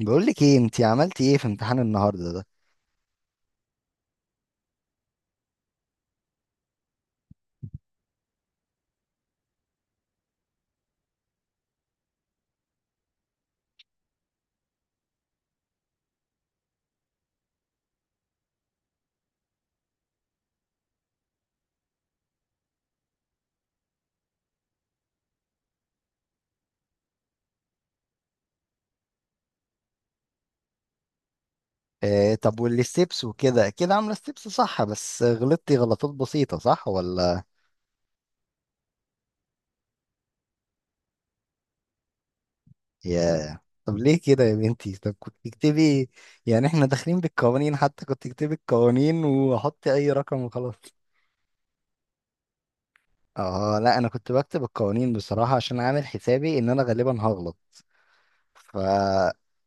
بقول لك ايه؟ انت عملتي ايه في امتحان النهارده ده؟ آه، طب والستبس؟ وكده كده عامله ستبس صح، بس غلطتي غلطات بسيطه؟ صح ولا؟ يا طب ليه كده يا بنتي؟ طب كنت تكتبي، يعني احنا داخلين بالقوانين، حتى كنت تكتبي القوانين وحطي اي رقم وخلاص. اه لا، انا كنت بكتب القوانين بصراحه عشان عامل حسابي ان انا غالبا هغلط. ف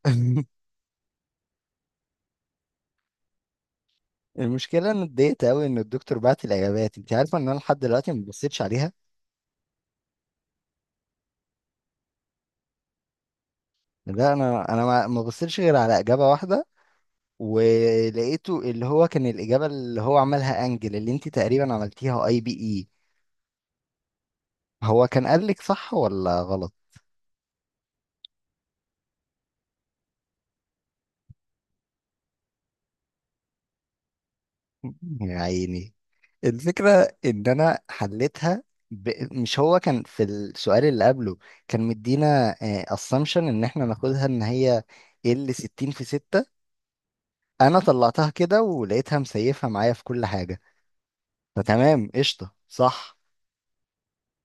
المشكله ان اتضايقت قوي ان الدكتور بعت الاجابات، انت عارفه ان انا لحد دلوقتي ما بصيتش عليها. لا انا ما بصيتش غير على اجابه واحده، ولقيته اللي هو كان الاجابه اللي هو عملها انجل، اللي انت تقريبا عملتيها اي بي اي. هو كان قال لك صح ولا غلط؟ يا عيني. الفكره ان انا حليتها مش هو كان في السؤال اللي قبله كان مدينا اسامبشن ان احنا ناخدها ان هي ال 60 في 6؟ انا طلعتها كده ولقيتها مسيفه معايا في كل حاجه، فتمام قشطه صح.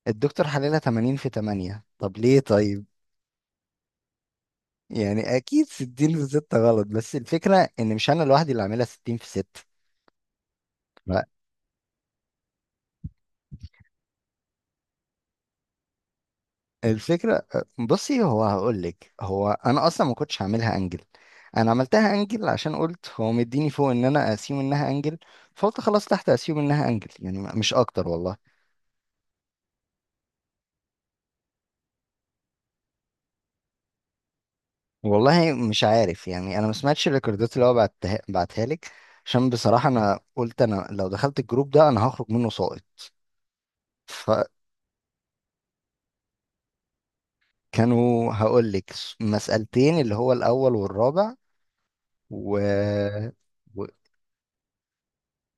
الدكتور حللها 80 في 8. طب ليه طيب؟ يعني اكيد 60 في 6 غلط، بس الفكره ان مش انا لوحدي اللي عاملها 60 في 6. لا الفكره، بصي هو هقول لك، هو انا اصلا ما كنتش هعملها انجل، انا عملتها انجل عشان قلت هو مديني فوق ان انا اسيوم انها انجل، فقلت خلاص تحت اسيوم انها انجل، يعني مش اكتر والله. والله مش عارف، يعني انا ما سمعتش الريكوردات اللي هو بعتها لك عشان بصراحه انا قلت انا لو دخلت الجروب ده انا هخرج منه ساقط. كانوا، هقول لك، مسألتين اللي هو الأول والرابع و... و...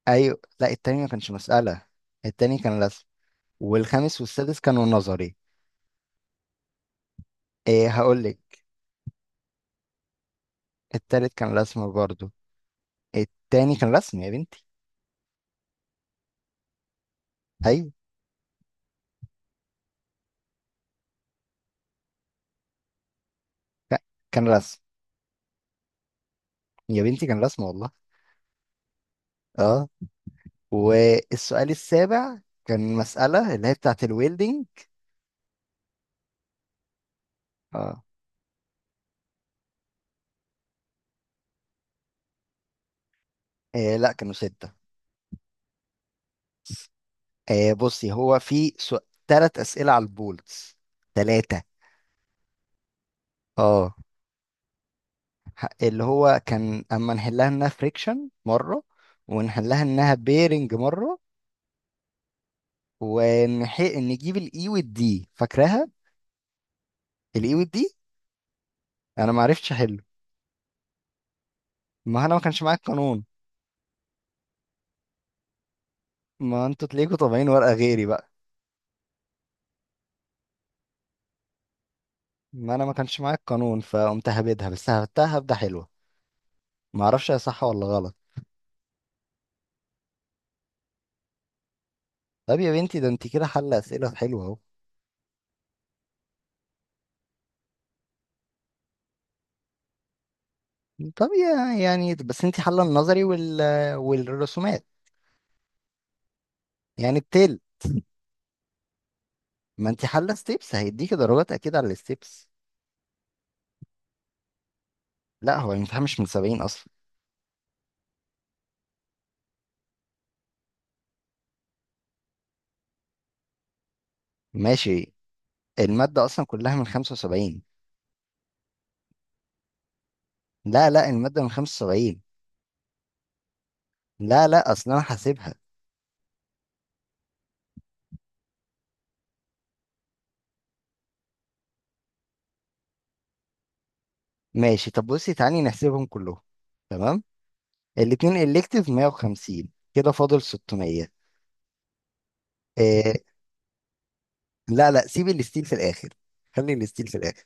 أيوة لا، التاني ما كانش مسألة، التاني كان رسم. والخامس والسادس كانوا نظري. إيه هقول لك، التالت كان رسم برضو. التاني كان رسم يا بنتي. أيوة ك- كان رسم يا بنتي، كان رسم والله. اه، والسؤال السابع كان مسألة اللي هي بتاعة الويلدينج. اه. إيه لا، كانوا ستة. إيه بصي، هو في تلات أسئلة على البولتس، تلاتة. اه، اللي هو كان اما نحلها انها فريكشن مره ونحلها انها بيرنج مره، نجيب الاي والدي، فاكراها؟ الاي والدي. انا ما عرفتش احله، ما انا ما كانش معايا القانون. ما انتوا تلاقيكوا طابعين ورقه غيري بقى. ما انا ما كانش معايا القانون، فقمت هبدها بس، هبتها هبده حلوه، ما اعرفش هي صح ولا غلط. طب يا بنتي، ده انت كده حل اسئله حلوه اهو. طب يا يعني، بس انت حل النظري والرسومات، يعني بتل. ما انت حل ستيبس، هيديكي درجات اكيد على الستيبس. لا هو الامتحان مش من 70 اصلا. ماشي. المادة اصلا كلها من 75. لا لا، المادة من 75. لا لا، اصلا انا حاسبها. ماشي، طب بصي تعالي نحسبهم كلهم. تمام. الاتنين الكتيف 150. كده فاضل 600. إيه. لا لا، سيب الستيل في الاخر، خلي الستيل في الاخر.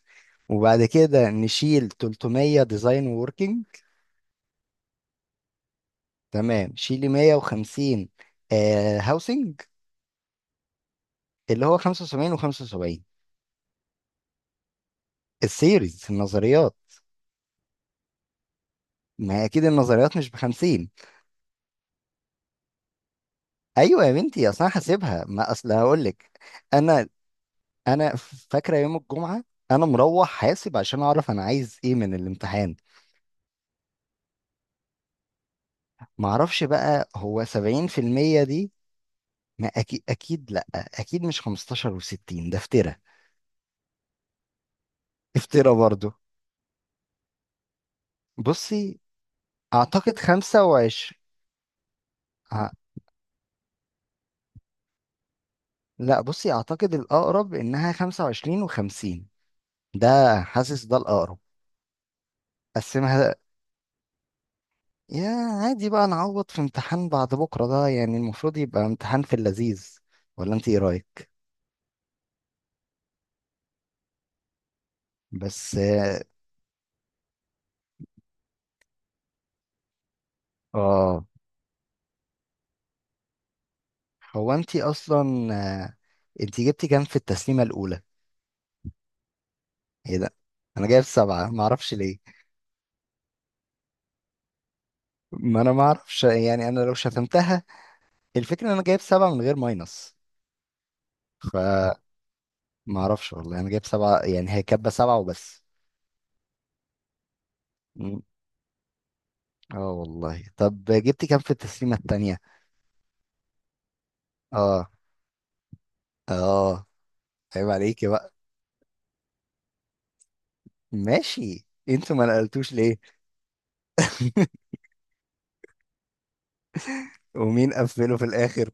وبعد كده نشيل 300، ديزاين ووركينج. تمام، شيلي 150، آه هاوسنج. اللي هو 75 و75. السيريز، النظريات. ما هي اكيد النظريات مش بخمسين. ايوه يا بنتي، اصل انا حاسبها، ما اصل هقول لك. انا. انا فاكره يوم الجمعه انا مروح حاسب عشان اعرف انا عايز ايه من الامتحان. ما اعرفش بقى، هو 70% دي. ما اكيد اكيد، لا اكيد مش 15 و60، ده افترا. افترا برضو. بصي اعتقد 25. ه- لا بصي، اعتقد الاقرب انها 25 و50. ده، حاسس ده الاقرب. قسمها يا. عادي بقى، نعوض في امتحان بعد بكرة ده، يعني المفروض يبقى امتحان في اللذيذ. ولا انت ايه رأيك؟ بس اه. آه، هو انت اصلا. آه، انت جبتي كام في التسليمة الأولى؟ ايه ده؟ انا جايب سبعة، معرفش ليه. ما انا معرفش، يعني انا لو شتمتها. الفكرة ان انا جايب سبعة من غير ماينس، فمعرفش. والله انا جايب سبعة، يعني هي كاتبة سبعة وبس. مم. اه والله. طب جبتي كام في التسليمة التانية؟ اه. اه، عيب عليكي بقى. ماشي، انتوا ما نقلتوش ليه؟ ومين قفله في الاخر؟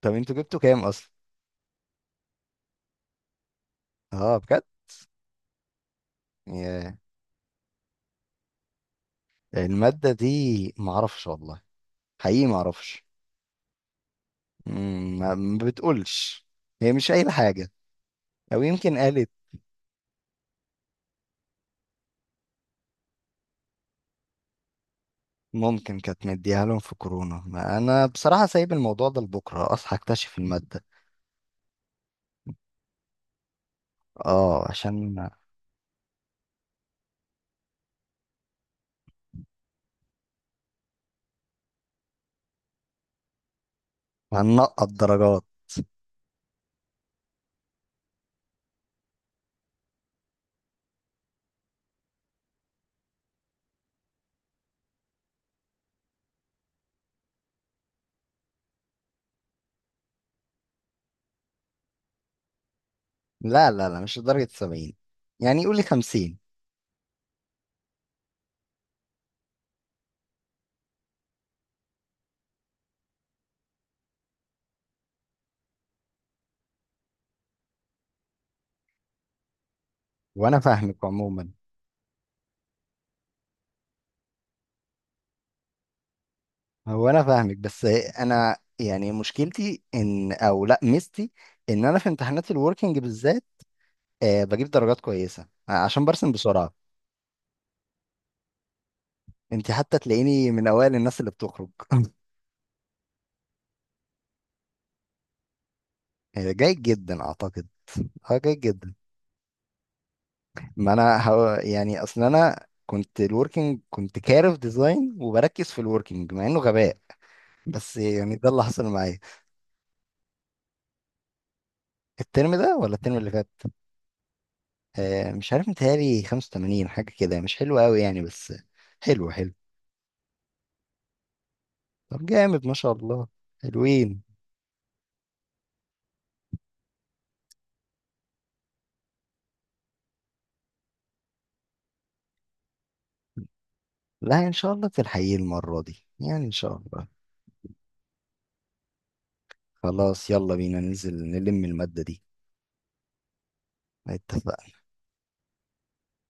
طب انتوا جبتوا كام اصلا؟ اه بجد؟ ياه. المادة دي، معرفش والله، حقيقي معرفش. ما ما بتقولش، هي مش قايلة حاجة. او يمكن قالت. ممكن كانت مديها لهم في كورونا، ما انا بصراحة سايب الموضوع ده لبكرة اصحى اكتشف المادة. اه عشان هنقط درجات. لا لا لا، مش لدرجة سبعين، يعني قولي خمسين. وانا فاهمك عموما. هو انا فاهمك، بس انا يعني مشكلتي ان، او لا ميزتي، ان انا في امتحانات الوركينج بالذات آه بجيب درجات كويسه، آه، عشان برسم بسرعه. انت حتى تلاقيني من اوائل الناس اللي بتخرج. آه، جيد جدا اعتقد. اه جيد جدا. ما انا هو يعني، اصل انا كنت الوركينج كنت كارف ديزاين وبركز في الوركينج، مع انه غباء، بس يعني ده اللي حصل معايا. الترم ده ولا الترم اللي فات؟ آه مش عارف، متهيألي 85 حاجه كده، مش حلو قوي يعني، بس حلو حلو. طب جامد ما شاء الله، حلوين. لا ان شاء الله تلحقيه المرة دي، يعني ان شاء الله. خلاص يلا بينا ننزل نلم المادة دي. اتفقنا.